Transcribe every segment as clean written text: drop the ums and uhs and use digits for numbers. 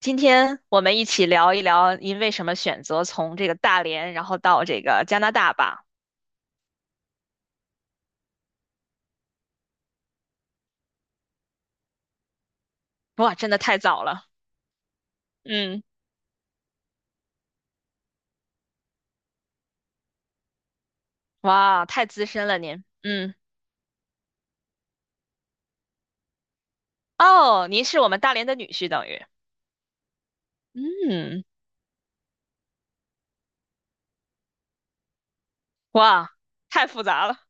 今天我们一起聊一聊您为什么选择从这个大连，然后到这个加拿大吧。哇，真的太早了。嗯。哇，太资深了您。嗯。哦，您是我们大连的女婿，等于。嗯。哇，太复杂了。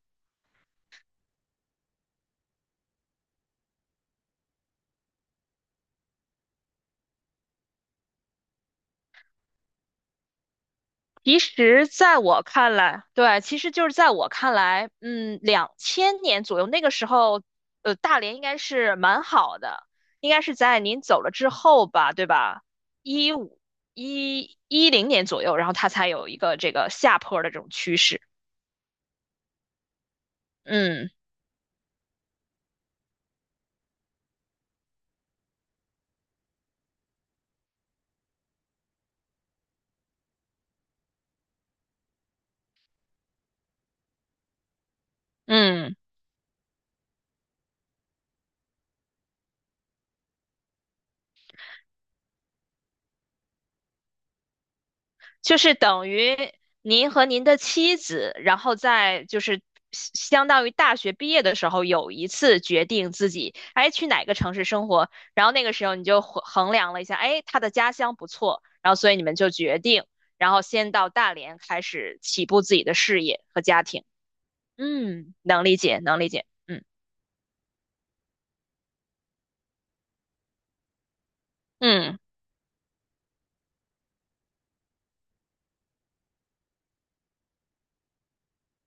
其实，在我看来，对，其实就是在我看来，2000年左右那个时候，大连应该是蛮好的。应该是在您走了之后吧，对吧？一五一一零年左右，然后它才有一个这个下坡的这种趋势。嗯嗯。就是等于您和您的妻子，然后在就是相当于大学毕业的时候，有一次决定自己哎去哪个城市生活，然后那个时候你就衡量了一下，哎，他的家乡不错，然后所以你们就决定，然后先到大连开始起步自己的事业和家庭。嗯，能理解，能理解。嗯。嗯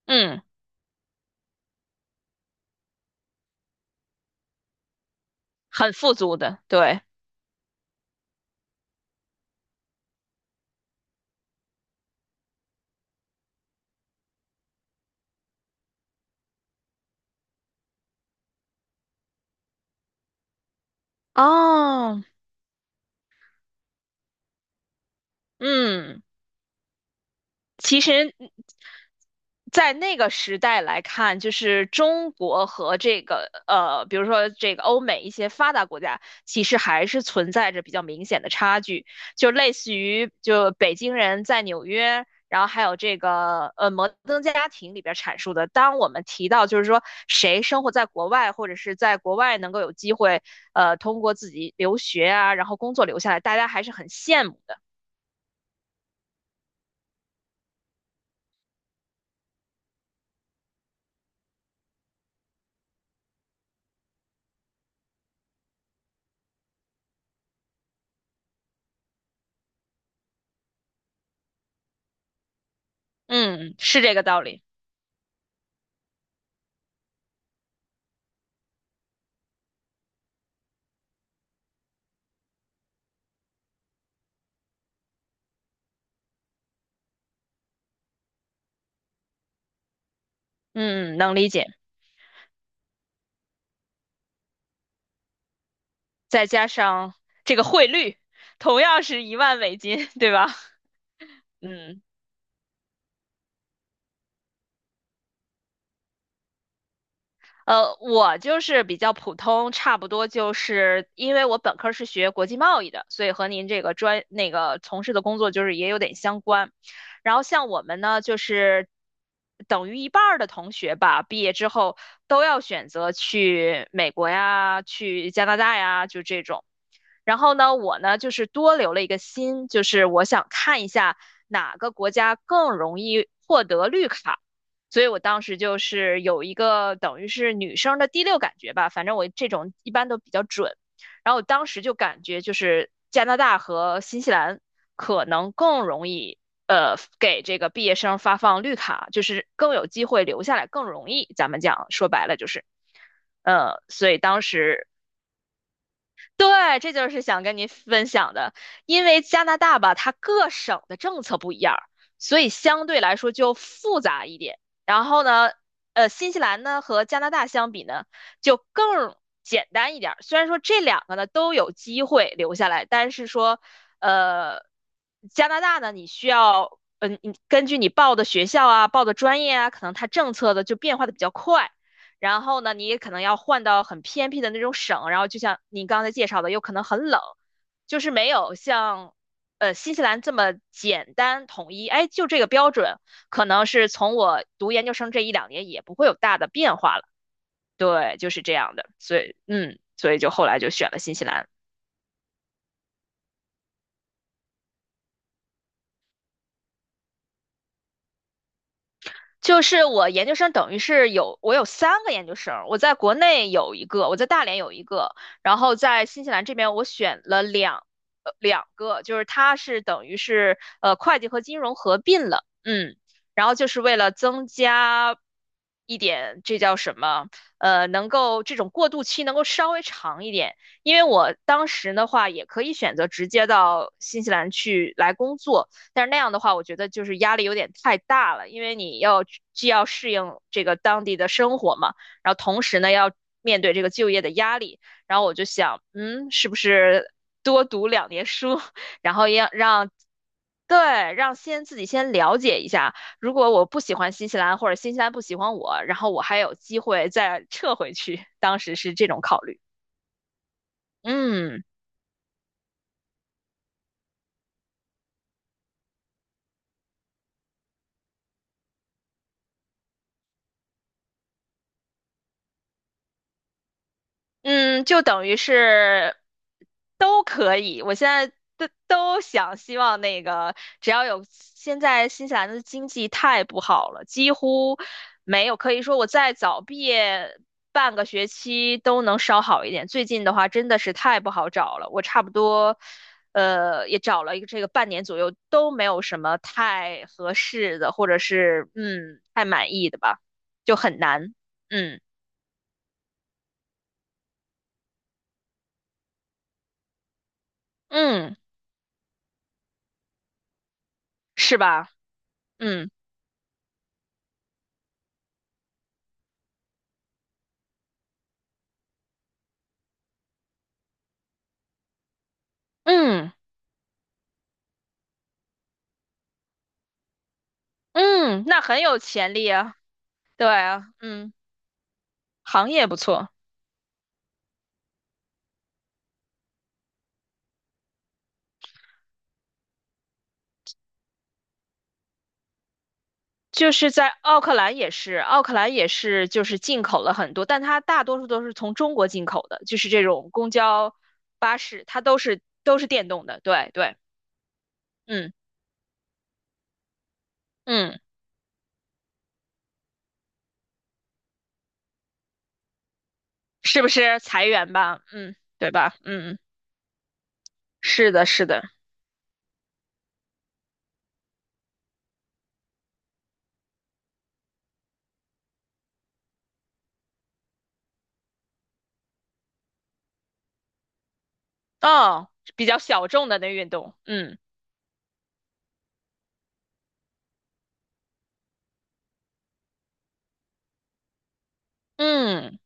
嗯。很富足的，对。哦。嗯。其实，在那个时代来看，就是中国和这个比如说这个欧美一些发达国家，其实还是存在着比较明显的差距，就类似于就北京人在纽约。然后还有这个摩登家庭》里边阐述的，当我们提到就是说谁生活在国外，或者是在国外能够有机会，通过自己留学啊，然后工作留下来，大家还是很羡慕的。嗯，是这个道理。嗯，能理解。再加上这个汇率，同样是一万美金，对吧？嗯。我就是比较普通，差不多就是因为我本科是学国际贸易的，所以和您这个专那个从事的工作就是也有点相关。然后像我们呢，就是等于一半儿的同学吧，毕业之后都要选择去美国呀、去加拿大呀，就这种。然后呢，我呢就是多留了一个心，就是我想看一下哪个国家更容易获得绿卡。所以我当时就是有一个等于是女生的第六感觉吧，反正我这种一般都比较准。然后我当时就感觉就是加拿大和新西兰可能更容易给这个毕业生发放绿卡，就是更有机会留下来，更容易。咱们讲说白了就是，所以当时对，这就是想跟您分享的。因为加拿大吧，它各省的政策不一样儿，所以相对来说就复杂一点。然后呢，新西兰呢和加拿大相比呢，就更简单一点儿。虽然说这两个呢都有机会留下来，但是说，呃，加拿大呢，你需要，嗯、你根据你报的学校啊、报的专业啊，可能它政策的就变化的比较快。然后呢，你也可能要换到很偏僻的那种省，然后就像你刚才介绍的，有可能很冷，就是没有像新西兰这么简单统一。哎，就这个标准，可能是从我读研究生这一两年也不会有大的变化了。对，就是这样的，所以嗯，所以就后来就选了新西兰。就是我研究生等于是我有3个研究生，我在国内有一个，我在大连有一个，然后在新西兰这边我选了两个，就是它是等于是会计和金融合并了。嗯。然后就是为了增加一点这叫什么呃能够这种过渡期能够稍微长一点，因为我当时的话也可以选择直接到新西兰去来工作。但是那样的话，我觉得就是压力有点太大了，因为既要适应这个当地的生活嘛，然后同时呢要面对这个就业的压力。然后我就想，嗯，是不是多读2年书，然后要让。对，让自己先了解一下。如果我不喜欢新西兰，或者新西兰不喜欢我，然后我还有机会再撤回去。当时是这种考虑。嗯。嗯，就等于是都可以。我现在都想希望那个，只要有现在新西兰的经济太不好了，几乎没有可以说我再早毕业半个学期都能稍好一点。最近的话真的是太不好找了，我差不多也找了一个这个半年左右都没有什么太合适的，或者是嗯太满意的吧，就很难。嗯。嗯，是吧？嗯。嗯嗯。那很有潜力啊。对啊。嗯，行业不错，就是在奥克兰也是，奥克兰也是就是进口了很多，但它大多数都是从中国进口的，就是这种公交、巴士，它都是电动的。对对。嗯。嗯，是不是裁员吧？嗯，对吧？嗯，是的，是的。哦，比较小众的那运动。嗯。嗯。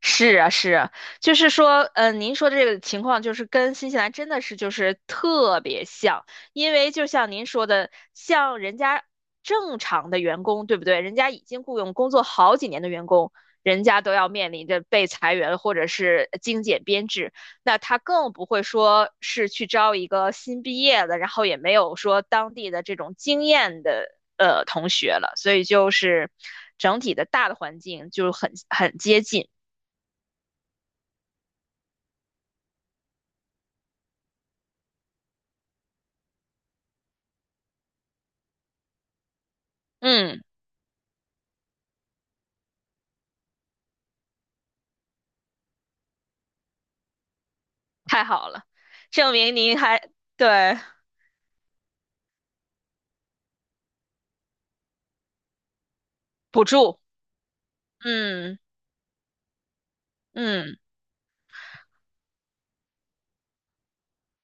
是啊，是啊，就是说，您说的这个情况就是跟新西兰真的是就是特别像。因为就像您说的，像人家正常的员工，对不对？人家已经雇佣工作好几年的员工，人家都要面临着被裁员或者是精简编制，那他更不会说是去招一个新毕业的，然后也没有说当地的这种经验的同学了，所以就是整体的大的环境就很接近。嗯，太好了，证明您还，对，补助。嗯。嗯。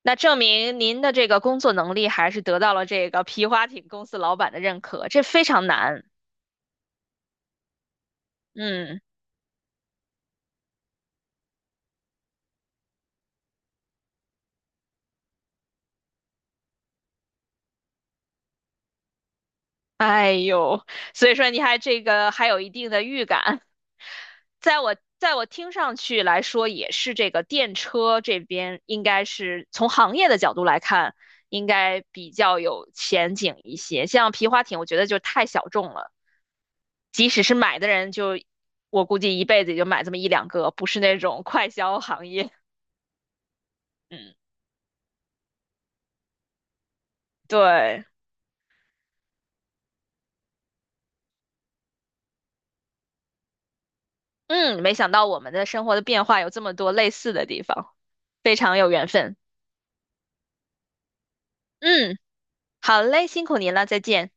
那证明您的这个工作能力还是得到了这个皮划艇公司老板的认可，这非常难。嗯。哎呦，所以说你还这个还有一定的预感，在我听上去来说，也是这个电车这边应该是从行业的角度来看，应该比较有前景一些。像皮划艇，我觉得就太小众了，即使是买的人就，我估计一辈子也就买这么一两个，不是那种快消行业。嗯，对。嗯，没想到我们的生活的变化有这么多类似的地方，非常有缘分。嗯。好嘞，辛苦您了，再见。